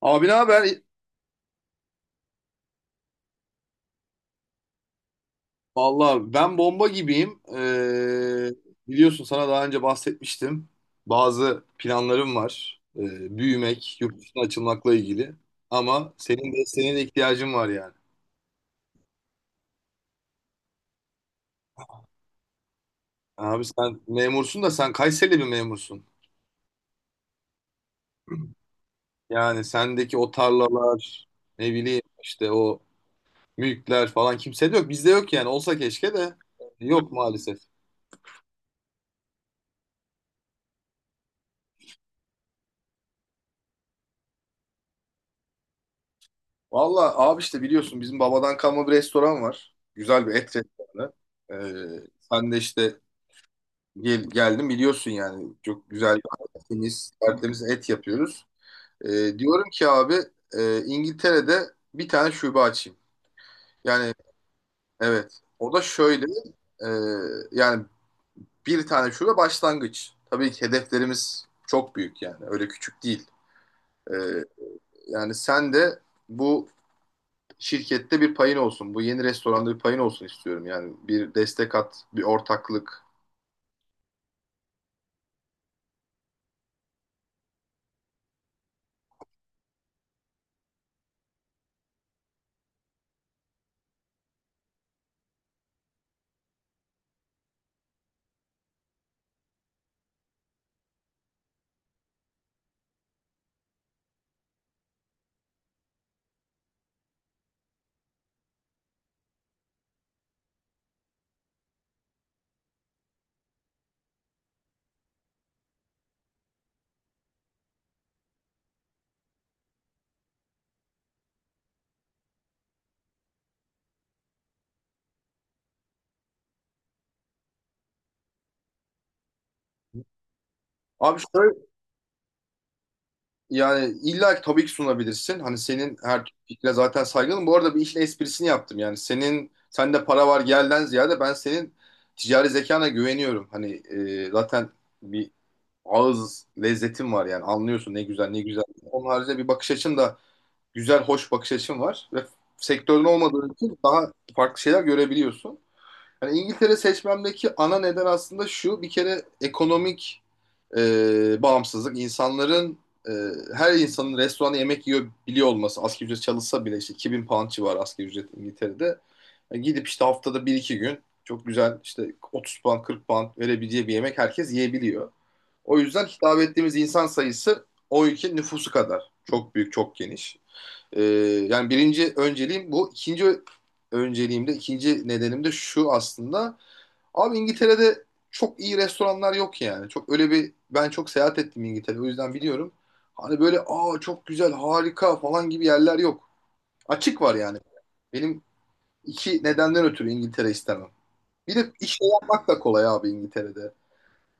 Abi ne haber? Vallahi ben bomba gibiyim. Biliyorsun sana daha önce bahsetmiştim. Bazı planlarım var. Büyümek, yurt dışına açılmakla ilgili. Ama senin de ihtiyacın var yani. Abi sen memursun da sen Kayseri'li bir memursun. Yani sendeki o tarlalar, ne bileyim işte o mülkler falan kimsede yok. Bizde yok yani. Olsa keşke de yok maalesef. Valla abi işte biliyorsun bizim babadan kalma bir restoran var. Güzel bir et restoranı. Sen de işte gel, geldin biliyorsun yani. Çok güzel, temiz, tertemiz et yapıyoruz. Diyorum ki abi İngiltere'de bir tane şube açayım. Yani evet o da şöyle e, yani bir tane şube başlangıç. Tabii ki hedeflerimiz çok büyük yani öyle küçük değil. Ee, yani sen de bu şirkette bir payın olsun. Bu yeni restoranda bir payın olsun istiyorum. Yani bir destek at, bir ortaklık. Abi şöyle yani illa ki tabii ki sunabilirsin. Hani senin her türlü fikrine zaten saygılım. Bu arada bir işin esprisini yaptım. Yani senin sende para var gelden ziyade ben senin ticari zekana güveniyorum. Hani zaten bir ağız lezzetin var yani anlıyorsun ne güzel ne güzel. Onun haricinde bir bakış açın da güzel hoş bakış açın var ve sektörün olmadığı için daha farklı şeyler görebiliyorsun. Hani İngiltere seçmemdeki ana neden aslında şu. Bir kere ekonomik bağımsızlık. İnsanların e, her insanın restoranda yemek yiyor biliyor olması. Asgari ücret çalışsa bile işte 2.000 pound civarı asgari ücret İngiltere'de. Yani gidip işte haftada bir iki gün çok güzel işte 30 pound, 40 pound verebileceği bir yemek herkes yiyebiliyor. O yüzden hitap ettiğimiz insan sayısı o ülkenin nüfusu kadar. Çok büyük, çok geniş. Yani birinci önceliğim bu. İkinci önceliğimde, ikinci nedenim de şu aslında. Abi İngiltere'de çok iyi restoranlar yok yani. Çok öyle bir ben çok seyahat ettim İngiltere. O yüzden biliyorum. Hani böyle aa çok güzel, harika falan gibi yerler yok. Açık var yani. Benim iki nedenden ötürü İngiltere istemem. Bir de iş yapmak da kolay abi İngiltere'de.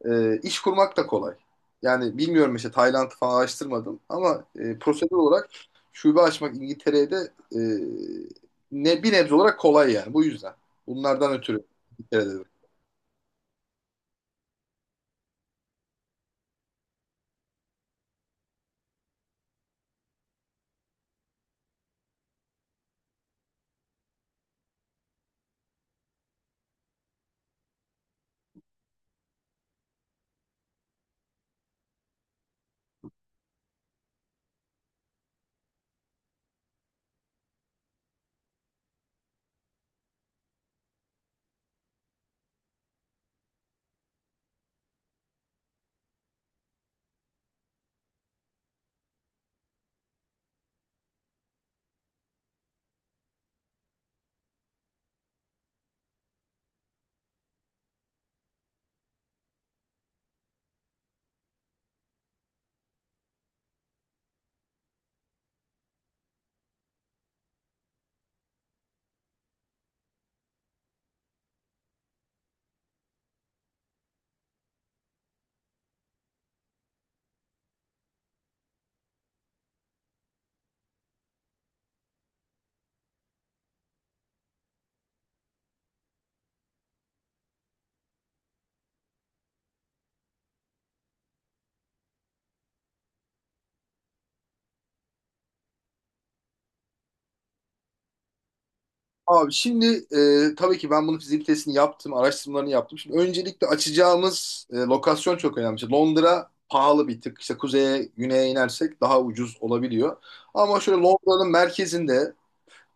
İş kurmak da kolay. Yani bilmiyorum işte Tayland'ı falan araştırmadım ama prosedür olarak şube açmak İngiltere'ye de e, ne bir nebze olarak kolay yani bu yüzden. Bunlardan ötürü İngiltere'de. Abi şimdi tabii ki ben bunun fizik yaptım, araştırmalarını yaptım. Şimdi öncelikle açacağımız lokasyon çok önemli. İşte Londra pahalı bir tık. İşte kuzeye, güneye inersek daha ucuz olabiliyor. Ama şöyle Londra'nın merkezinde,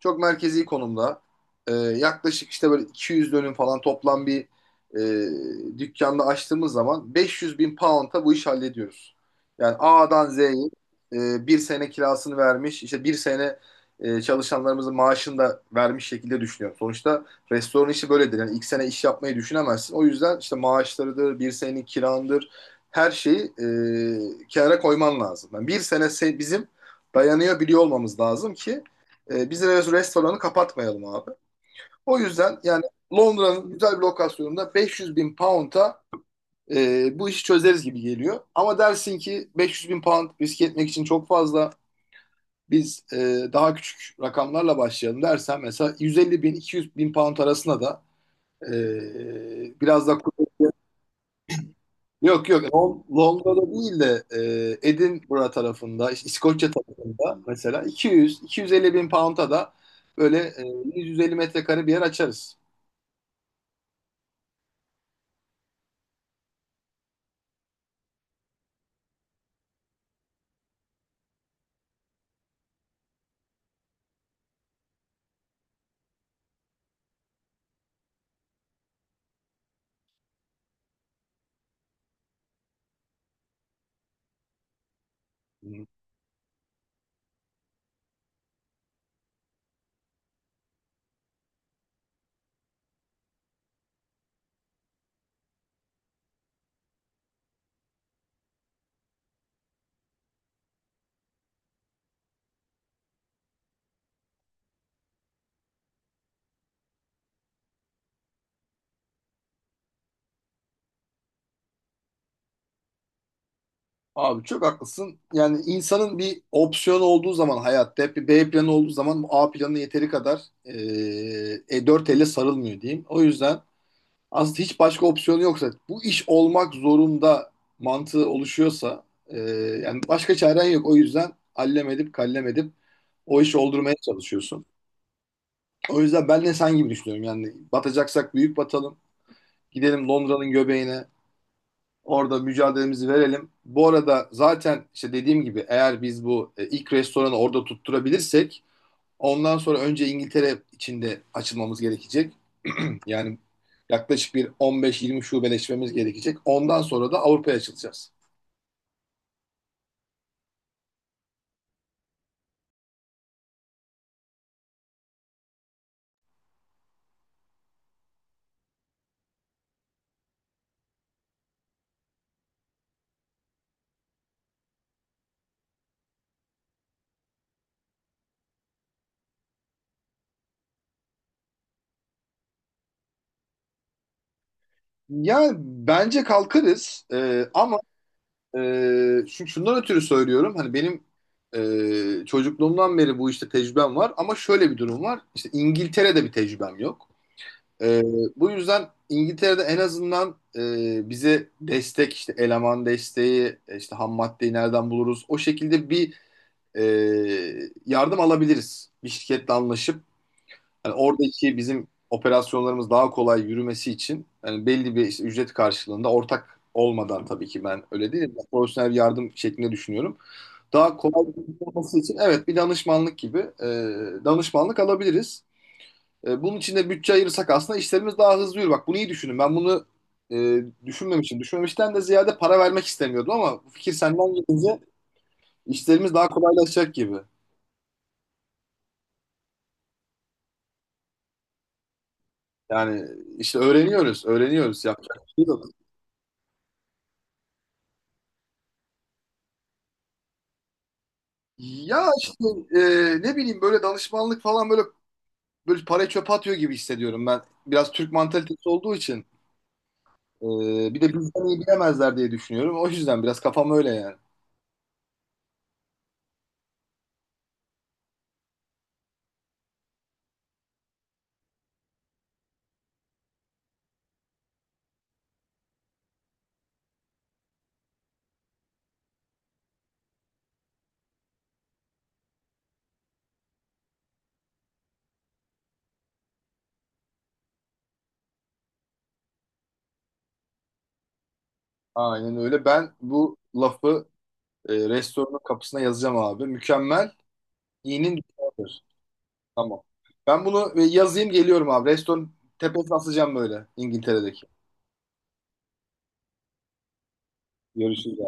çok merkezi konumda. Yaklaşık işte böyle 200 dönüm falan toplam bir dükkanda açtığımız zaman 500 bin pound'a bu iş hallediyoruz. Yani A'dan Z'yi bir sene kirasını vermiş, işte bir sene çalışanlarımızın maaşını da vermiş şekilde düşünüyorum. Sonuçta restoran işi böyledir. Yani ilk sene iş yapmayı düşünemezsin. O yüzden işte maaşlarıdır, bir senenin kirandır, her şeyi kenara koyman lazım. Yani bir sene bizim dayanıyor biliyor olmamız lazım ki biz restoranı kapatmayalım abi. O yüzden yani Londra'nın güzel bir lokasyonunda 500 bin pound'a bu işi çözeriz gibi geliyor. Ama dersin ki 500 bin pound riske etmek için çok fazla, biz daha küçük rakamlarla başlayalım dersen mesela 150 bin, 200 bin pound arasında da biraz da yok yok, Londra'da değil de Edinburgh tarafında işte İskoçya tarafında mesela 200-250 bin pound'a da böyle 150 metrekare bir yer açarız. Abi çok haklısın. Yani insanın bir opsiyon olduğu zaman, hayatta hep bir B planı olduğu zaman bu A planı yeteri kadar dört elle sarılmıyor diyeyim. O yüzden aslında hiç başka opsiyon yoksa bu iş olmak zorunda mantığı oluşuyorsa yani başka çaren yok. O yüzden allem edip kallem edip o işi oldurmaya çalışıyorsun. O yüzden ben de sen gibi düşünüyorum. Yani batacaksak büyük batalım. Gidelim Londra'nın göbeğine. Orada mücadelemizi verelim. Bu arada zaten işte dediğim gibi eğer biz bu ilk restoranı orada tutturabilirsek ondan sonra önce İngiltere içinde açılmamız gerekecek. Yani yaklaşık bir 15-20 şubeleşmemiz gerekecek. Ondan sonra da Avrupa'ya açılacağız. Yani bence kalkarız, ama e, şundan ötürü söylüyorum. Hani benim çocukluğumdan beri bu işte tecrübem var ama şöyle bir durum var. İşte İngiltere'de bir tecrübem yok. Ee, bu yüzden İngiltere'de en azından bize destek işte eleman desteği işte ham maddeyi nereden buluruz, o şekilde bir e, yardım alabiliriz bir şirketle anlaşıp. Hani oradaki bizim operasyonlarımız daha kolay yürümesi için, hani belli bir işte ücret karşılığında ortak olmadan tabii ki, ben öyle değilim, ben profesyonel bir yardım şeklinde düşünüyorum daha kolay olması için. Evet, bir danışmanlık gibi, danışmanlık alabiliriz. Bunun için de bütçe ayırırsak aslında işlerimiz daha hızlı yürür. Bak bunu iyi düşünün. Ben bunu düşünmemişim. Düşünmemişten de ziyade para vermek istemiyordum ama bu fikir senden gelince işlerimiz daha kolaylaşacak gibi. Yani işte öğreniyoruz, öğreniyoruz. Yapacak bir şey yok. Ya işte ne bileyim böyle danışmanlık falan böyle parayı çöpe atıyor gibi hissediyorum ben. Biraz Türk mantalitesi olduğu için e, bir de bizden iyi bilemezler diye düşünüyorum. O yüzden biraz kafam öyle yani. Aynen öyle. Ben bu lafı restoranın kapısına yazacağım abi. Mükemmel İyinin düşmanıdır. Tamam. Ben bunu yazayım geliyorum abi. Restoran tepesine asacağım böyle İngiltere'deki. Görüşürüz.